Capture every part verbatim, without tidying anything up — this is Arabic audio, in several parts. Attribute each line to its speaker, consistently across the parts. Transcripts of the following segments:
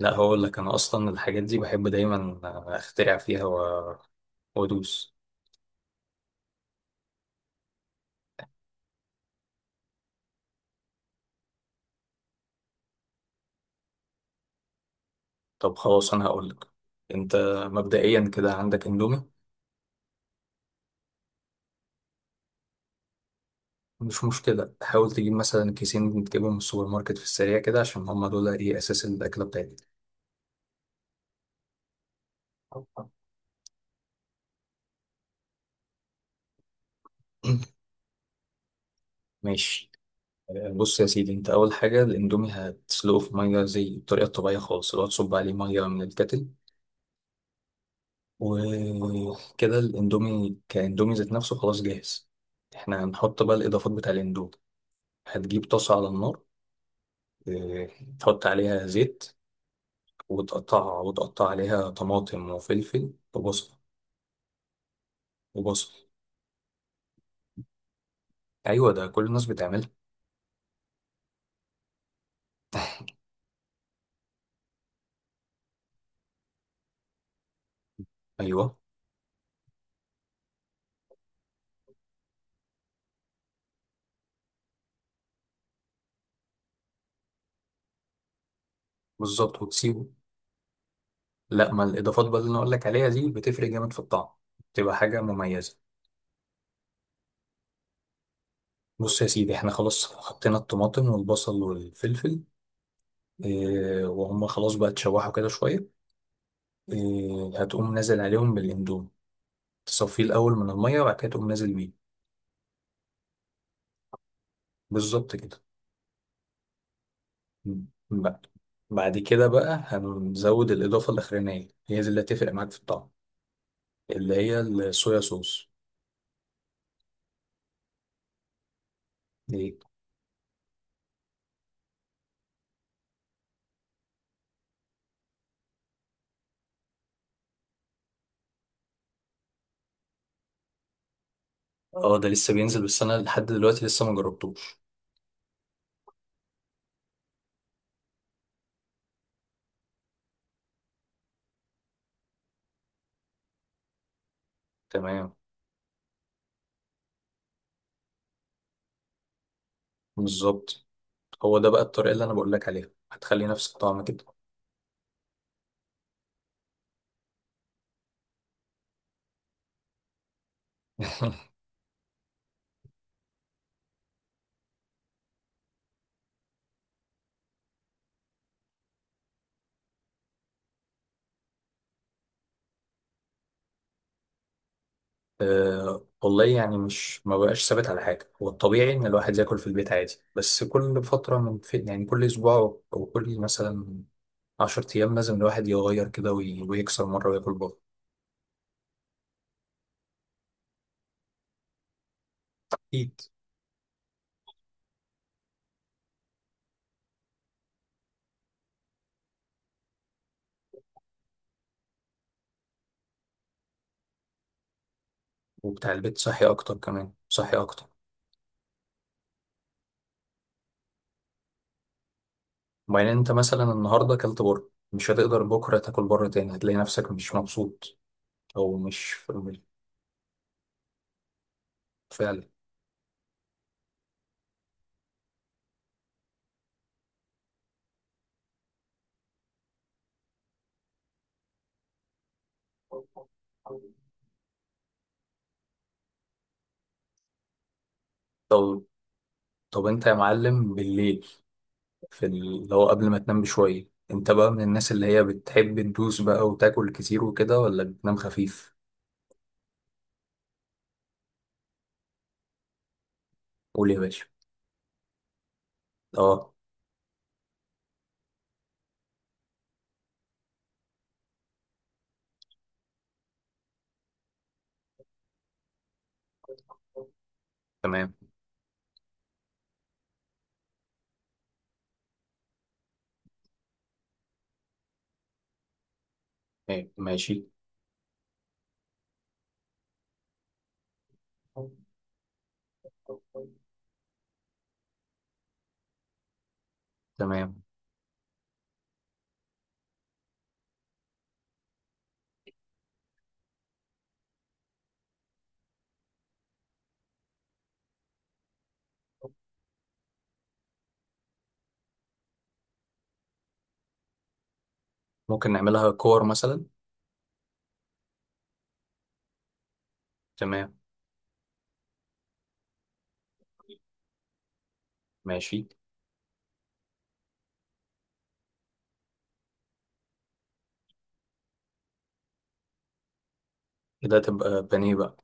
Speaker 1: لا، هقول لك انا اصلا الحاجات دي بحب دايما اخترع فيها و- وادوس. طب خلاص، انا هقول لك. انت مبدئيا كده عندك اندومي. مش مشكله، حاول تجيب مثلا كيسين تجيبهم من السوبر ماركت في السريع كده، عشان هما دول ايه اساس الاكله بتاعتك. ماشي. آه، بص يا سيدي، انت اول حاجه الاندومي هتسلقه في ميه زي الطريقه الطبيعيه خالص، اللي هو تصب عليه ميه من الكتل. وكده الاندومي كاندومي ذات نفسه خلاص جاهز. احنا هنحط بقى الاضافات بتاع الاندومي. هتجيب طاسة على النار، آه، تحط عليها زيت، وتقطعها وتقطع عليها طماطم وفلفل وبصل وبصل. أيوة ده كل الناس بتعملها. أيوة بالظبط وتسيبه. لا، ما الإضافات بقى اللي أنا أقول لك عليها دي بتفرق جامد في الطعم. بتبقى حاجة مميزة. بص يا سيدي، احنا خلاص حطينا الطماطم والبصل والفلفل. إيه وهم خلاص بقى اتشوحوا كده شوية. إيه هتقوم نازل عليهم بالاندومي. تصفيه الأول من المية وبعد كده تقوم نازل بيه. بالظبط كده. بقى. بعد كده بقى هنزود الإضافة الأخرانية، هي دي اللي هتفرق معاك في الطعم. اللي هي الصويا صوص دي. اه، ده لسه بينزل، بس أنا لحد دلوقتي لسه ما جربتوش. تمام بالظبط. هو ده بقى الطريقة اللي أنا بقول لك عليها، هتخلي نفس الطعم كده. أه والله، يعني مش ما بقاش ثابت على حاجة. هو الطبيعي إن الواحد ياكل في البيت عادي، بس كل فترة من في يعني كل أسبوع أو كل مثلا عشر أيام لازم الواحد يغير كده وي- ويكسر مرة وياكل بره. أكيد. وبتاع البيت صحي اكتر، كمان صحي اكتر. وبعدين انت مثلا النهارده اكلت بره، مش هتقدر بكره تاكل بره تاني، هتلاقي نفسك مش مبسوط. او مش في- فعلا. طب طب انت يا معلم بالليل، في ال- اللي هو قبل ما تنام بشويه، انت بقى من الناس اللي هي بتحب تدوس بقى وتاكل كتير وكده، ولا بتنام خفيف؟ قول يا باشا. اه، تمام. إيه، ماشي. تمام. ممكن نعملها كور مثلا. تمام. ماشي. كده تبقى بانيه بقى.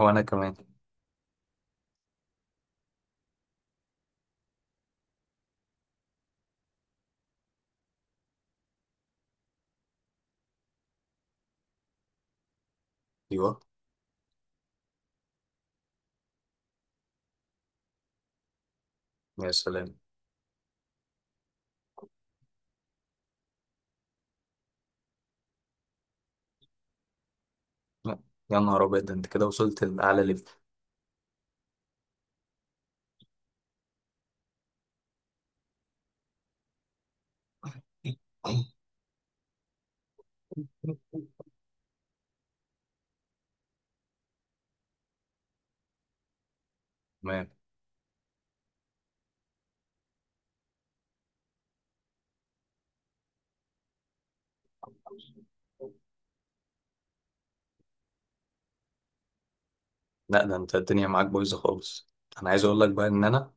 Speaker 1: وانا كمان. ايوه يا سلام. لا، يا نهار ابيض، ده انت كده وصلت لاعلى ليفل. تمام. لا، ده انت الدنيا معاك بايظه خالص. انا عايز اقول لك بقى ان انا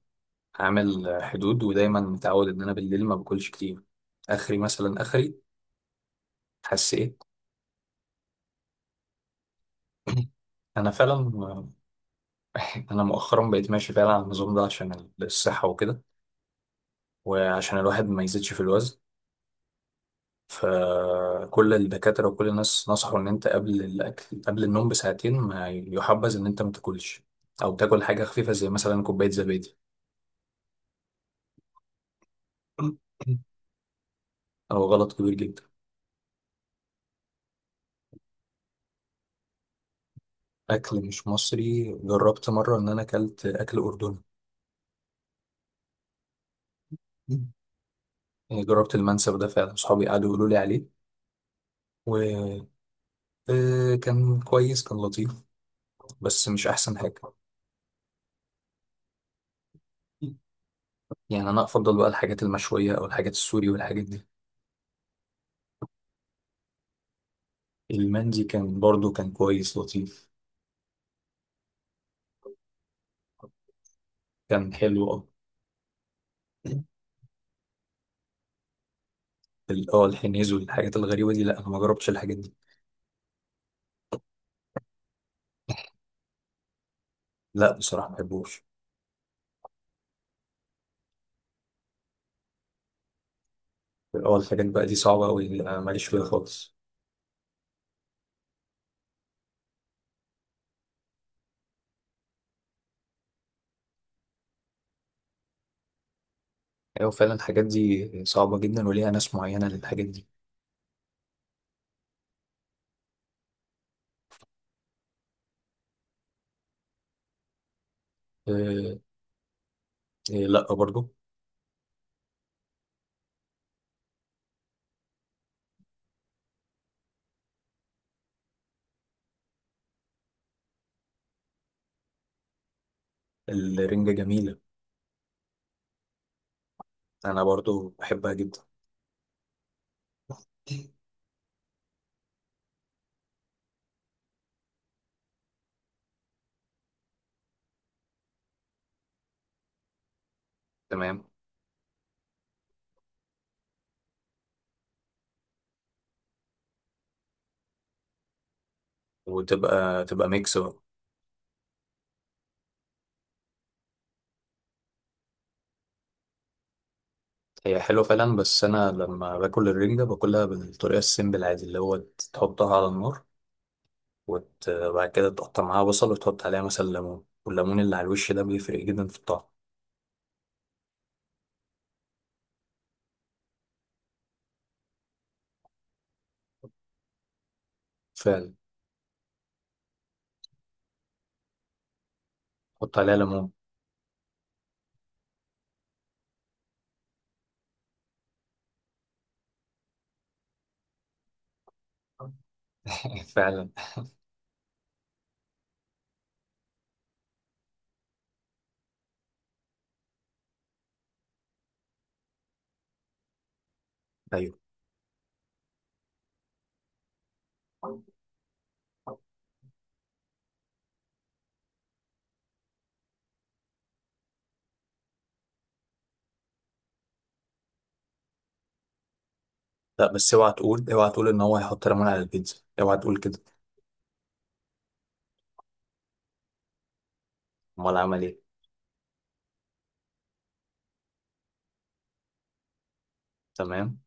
Speaker 1: هعمل حدود، ودايما متعود ان انا بالليل ما باكلش كتير. اخري مثلا اخري. حاسس ايه؟ انا فعلا انا مؤخرا بقيت ماشي فعلا على النظام ده عشان الصحه وكده، وعشان الواحد ما يزيدش في الوزن. فكل الدكاترة وكل الناس نصحوا إن أنت قبل الأكل قبل النوم بساعتين ما يحبذ إن أنت ما تاكلش. أو تاكل حاجة خفيفة زي مثلا كوباية زبادي. هو غلط كبير جدا. أكل مش مصري، جربت مرة إن أنا أكلت أكل أردني. جربت المنسف ده، فعلا صحابي قعدوا يقولوا لي عليه، وكان كويس كان لطيف. بس مش أحسن حاجة. يعني أنا أفضل بقى الحاجات المشوية أو الحاجات السوري والحاجات دي. المندي كان برضو كان كويس لطيف. كان حلو أوي. ال- اه الحنيز والحاجات الغريبة دي، لا أنا ما جربتش الحاجات دي. لا بصراحة ما بحبوش. اه، الحاجات بقى دي صعبة أوي، لا، ماليش فيها خالص. أيوة فعلا الحاجات دي صعبة جدا وليها ناس معينة للحاجات دي. أه، آه، لا برضو. الرنجة جميلة. أنا برضو بحبها جدا. تمام. وتبقى تبقى ميكس بقى. هي حلوة فعلا، بس أنا لما باكل الرنجة باكلها بالطريقة السيمبل عادي، اللي هو تحطها على النار وت- وبعد كده تقطع معاها بصل وتحط عليها مثلا ليمون، والليمون اللي على الوش ده بيفرق جدا في الطعم. فعلا. حط عليها ليمون. فعلا. ايوه. لا، بس اوعى تقول اوعى تقول ان هو هيحط ليمون على البيتزا، اوعى تقول كده. امال عمل ايه؟ تمام.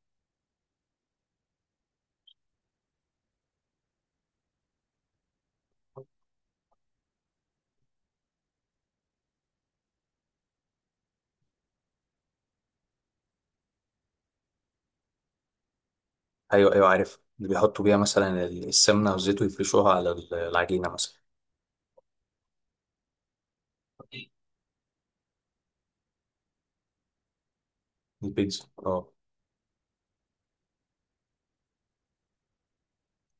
Speaker 1: ايوه ايوه عارف اللي بيحطوا بيها مثلا ال- السمنه والزيت، ويفرشوها على ال- العجينه مثلا. البيتزا اه.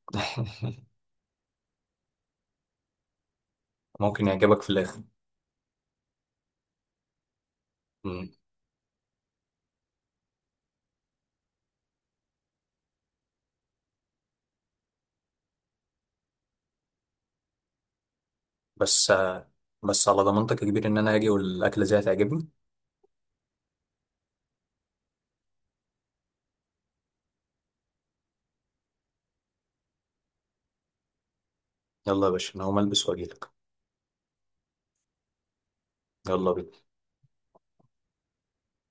Speaker 1: ممكن يعجبك في الاخر. مم. بس بس على ضمانتك يا كبير، ان انا هاجي والاكله دي هتعجبني. يلا يا باشا، انا هقوم البس واجيلك. يلا بينا.